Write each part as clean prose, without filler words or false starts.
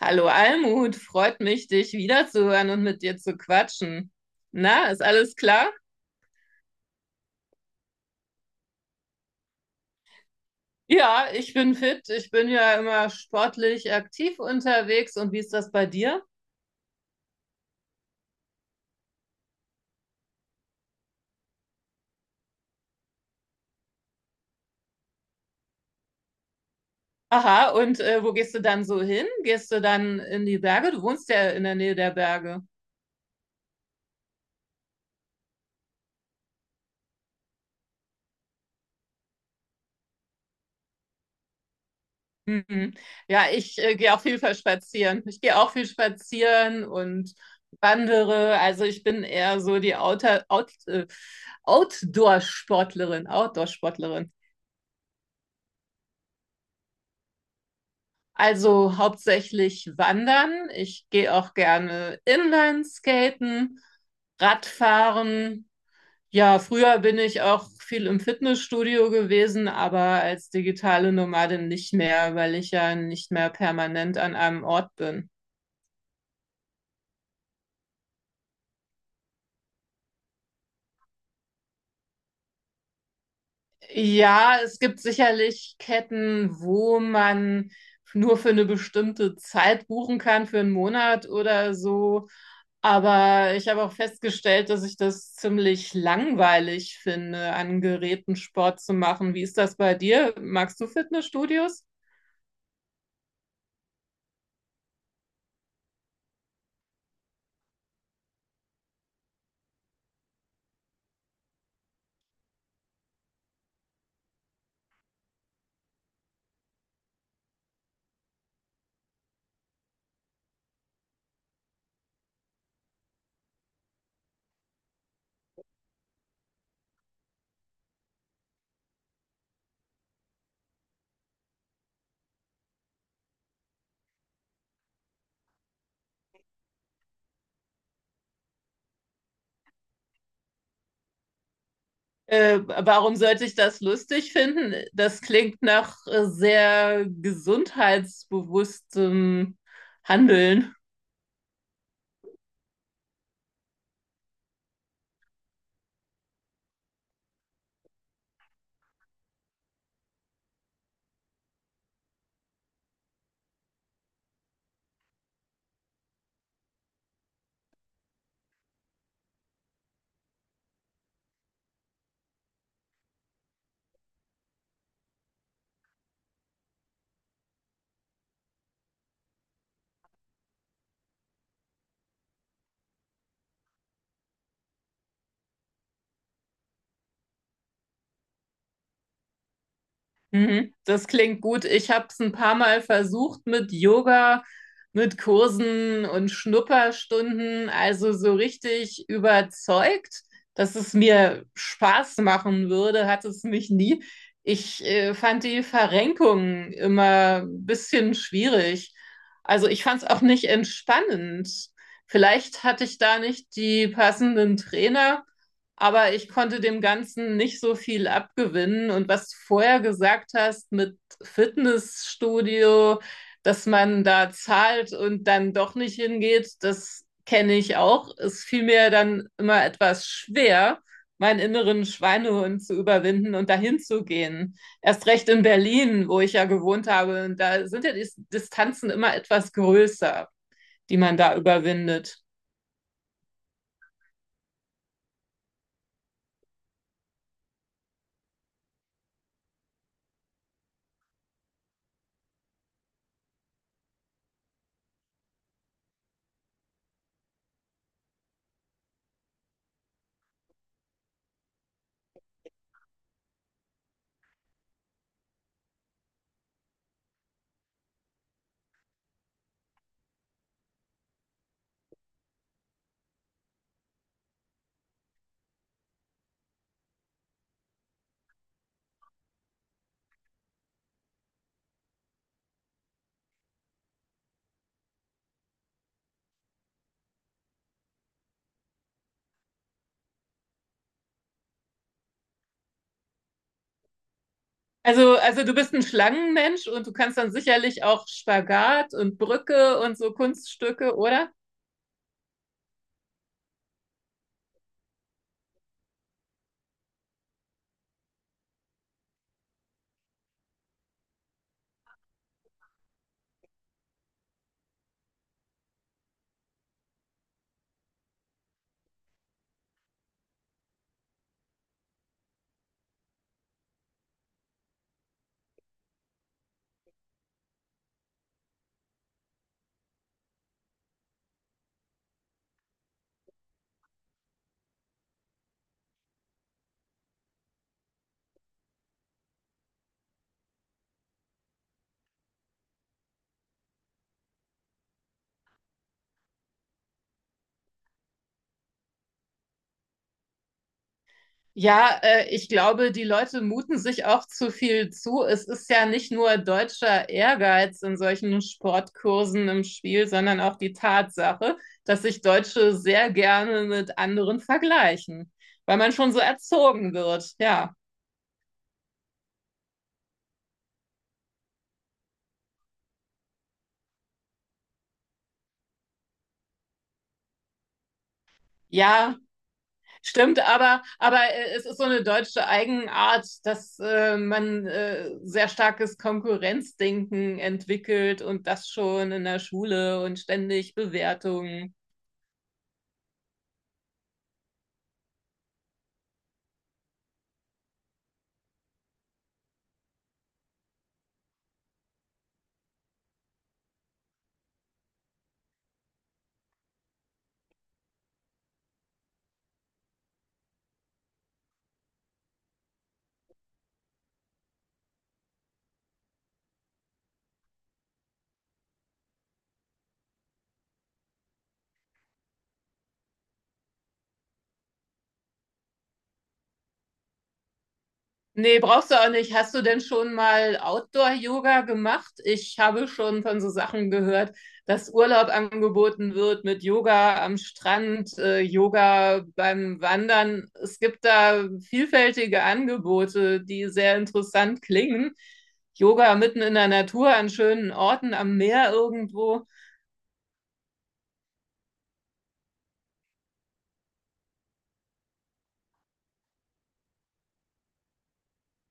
Hallo Almut, freut mich, dich wiederzuhören und mit dir zu quatschen. Na, ist alles klar? Ja, ich bin fit. Ich bin ja immer sportlich aktiv unterwegs. Und wie ist das bei dir? Aha, und wo gehst du dann so hin? Gehst du dann in die Berge? Du wohnst ja in der Nähe der Berge. Mhm. Ja, ich gehe auch viel spazieren. Ich gehe auch viel spazieren und wandere. Also ich bin eher so die Outdoor-Sportlerin, Outdoor-Sportlerin. Also hauptsächlich wandern. Ich gehe auch gerne Inlineskaten, Radfahren. Ja, früher bin ich auch viel im Fitnessstudio gewesen, aber als digitale Nomadin nicht mehr, weil ich ja nicht mehr permanent an einem Ort bin. Ja, es gibt sicherlich Ketten, wo man nur für eine bestimmte Zeit buchen kann, für einen Monat oder so. Aber ich habe auch festgestellt, dass ich das ziemlich langweilig finde, an Geräten Sport zu machen. Wie ist das bei dir? Magst du Fitnessstudios? Warum sollte ich das lustig finden? Das klingt nach sehr gesundheitsbewusstem Handeln. Mhm, das klingt gut. Ich habe es ein paar Mal versucht mit Yoga, mit Kursen und Schnupperstunden. Also so richtig überzeugt, dass es mir Spaß machen würde, hat es mich nie. Ich fand die Verrenkung immer ein bisschen schwierig. Also ich fand es auch nicht entspannend. Vielleicht hatte ich da nicht die passenden Trainer, aber ich konnte dem Ganzen nicht so viel abgewinnen. Und was du vorher gesagt hast mit Fitnessstudio, dass man da zahlt und dann doch nicht hingeht, das kenne ich auch. Es fiel mir dann immer etwas schwer, meinen inneren Schweinehund zu überwinden und dahin zu gehen. Erst recht in Berlin, wo ich ja gewohnt habe. Und da sind ja die Distanzen immer etwas größer, die man da überwindet. Also du bist ein Schlangenmensch und du kannst dann sicherlich auch Spagat und Brücke und so Kunststücke, oder? Ja, ich glaube, die Leute muten sich auch zu viel zu. Es ist ja nicht nur deutscher Ehrgeiz in solchen Sportkursen im Spiel, sondern auch die Tatsache, dass sich Deutsche sehr gerne mit anderen vergleichen, weil man schon so erzogen wird. Ja, ja, stimmt, aber, aber es ist so eine deutsche Eigenart, dass man sehr starkes Konkurrenzdenken entwickelt und das schon in der Schule und ständig Bewertungen. Nee, brauchst du auch nicht. Hast du denn schon mal Outdoor-Yoga gemacht? Ich habe schon von so Sachen gehört, dass Urlaub angeboten wird mit Yoga am Strand, Yoga beim Wandern. Es gibt da vielfältige Angebote, die sehr interessant klingen. Yoga mitten in der Natur, an schönen Orten, am Meer irgendwo.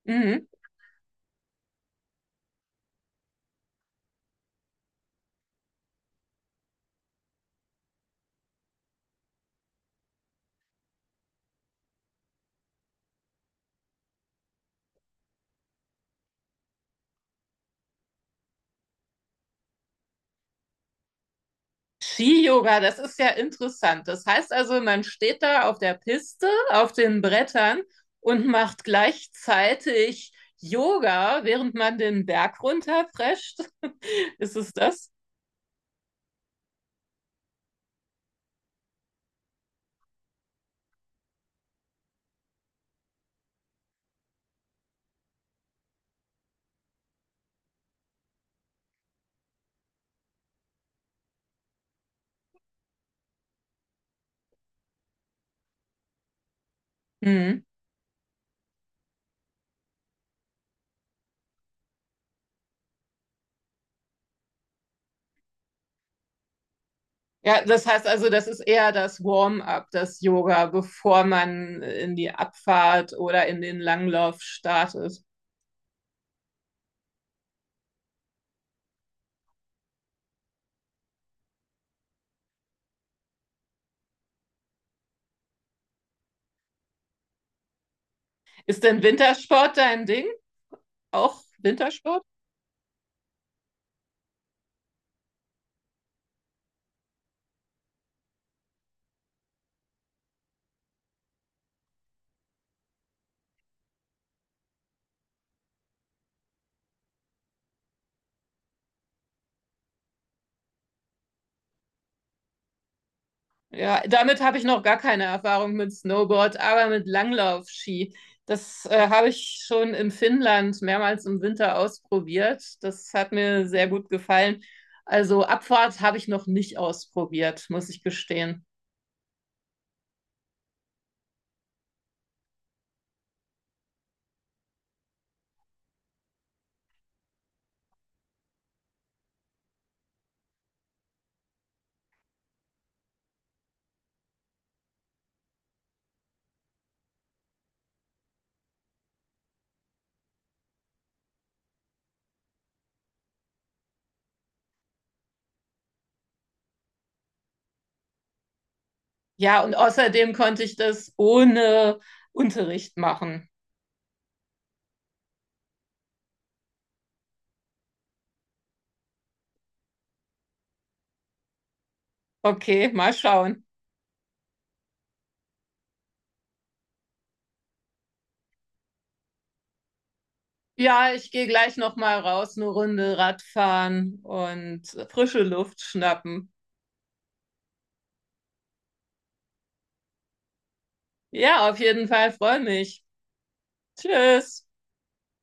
Mhm. Ski-Yoga, das ist ja interessant. Das heißt also, man steht da auf der Piste, auf den Brettern und macht gleichzeitig Yoga, während man den Berg runterprescht. Ist es das? Hm. Ja, das heißt also, das ist eher das Warm-up, das Yoga, bevor man in die Abfahrt oder in den Langlauf startet. Ist denn Wintersport dein Ding? Auch Wintersport? Ja, damit habe ich noch gar keine Erfahrung mit Snowboard, aber mit Langlaufski. Das habe ich schon in Finnland mehrmals im Winter ausprobiert. Das hat mir sehr gut gefallen. Also Abfahrt habe ich noch nicht ausprobiert, muss ich gestehen. Ja, und außerdem konnte ich das ohne Unterricht machen. Okay, mal schauen. Ja, ich gehe gleich noch mal raus, eine Runde Radfahren und frische Luft schnappen. Ja, auf jeden Fall, freue mich. Tschüss.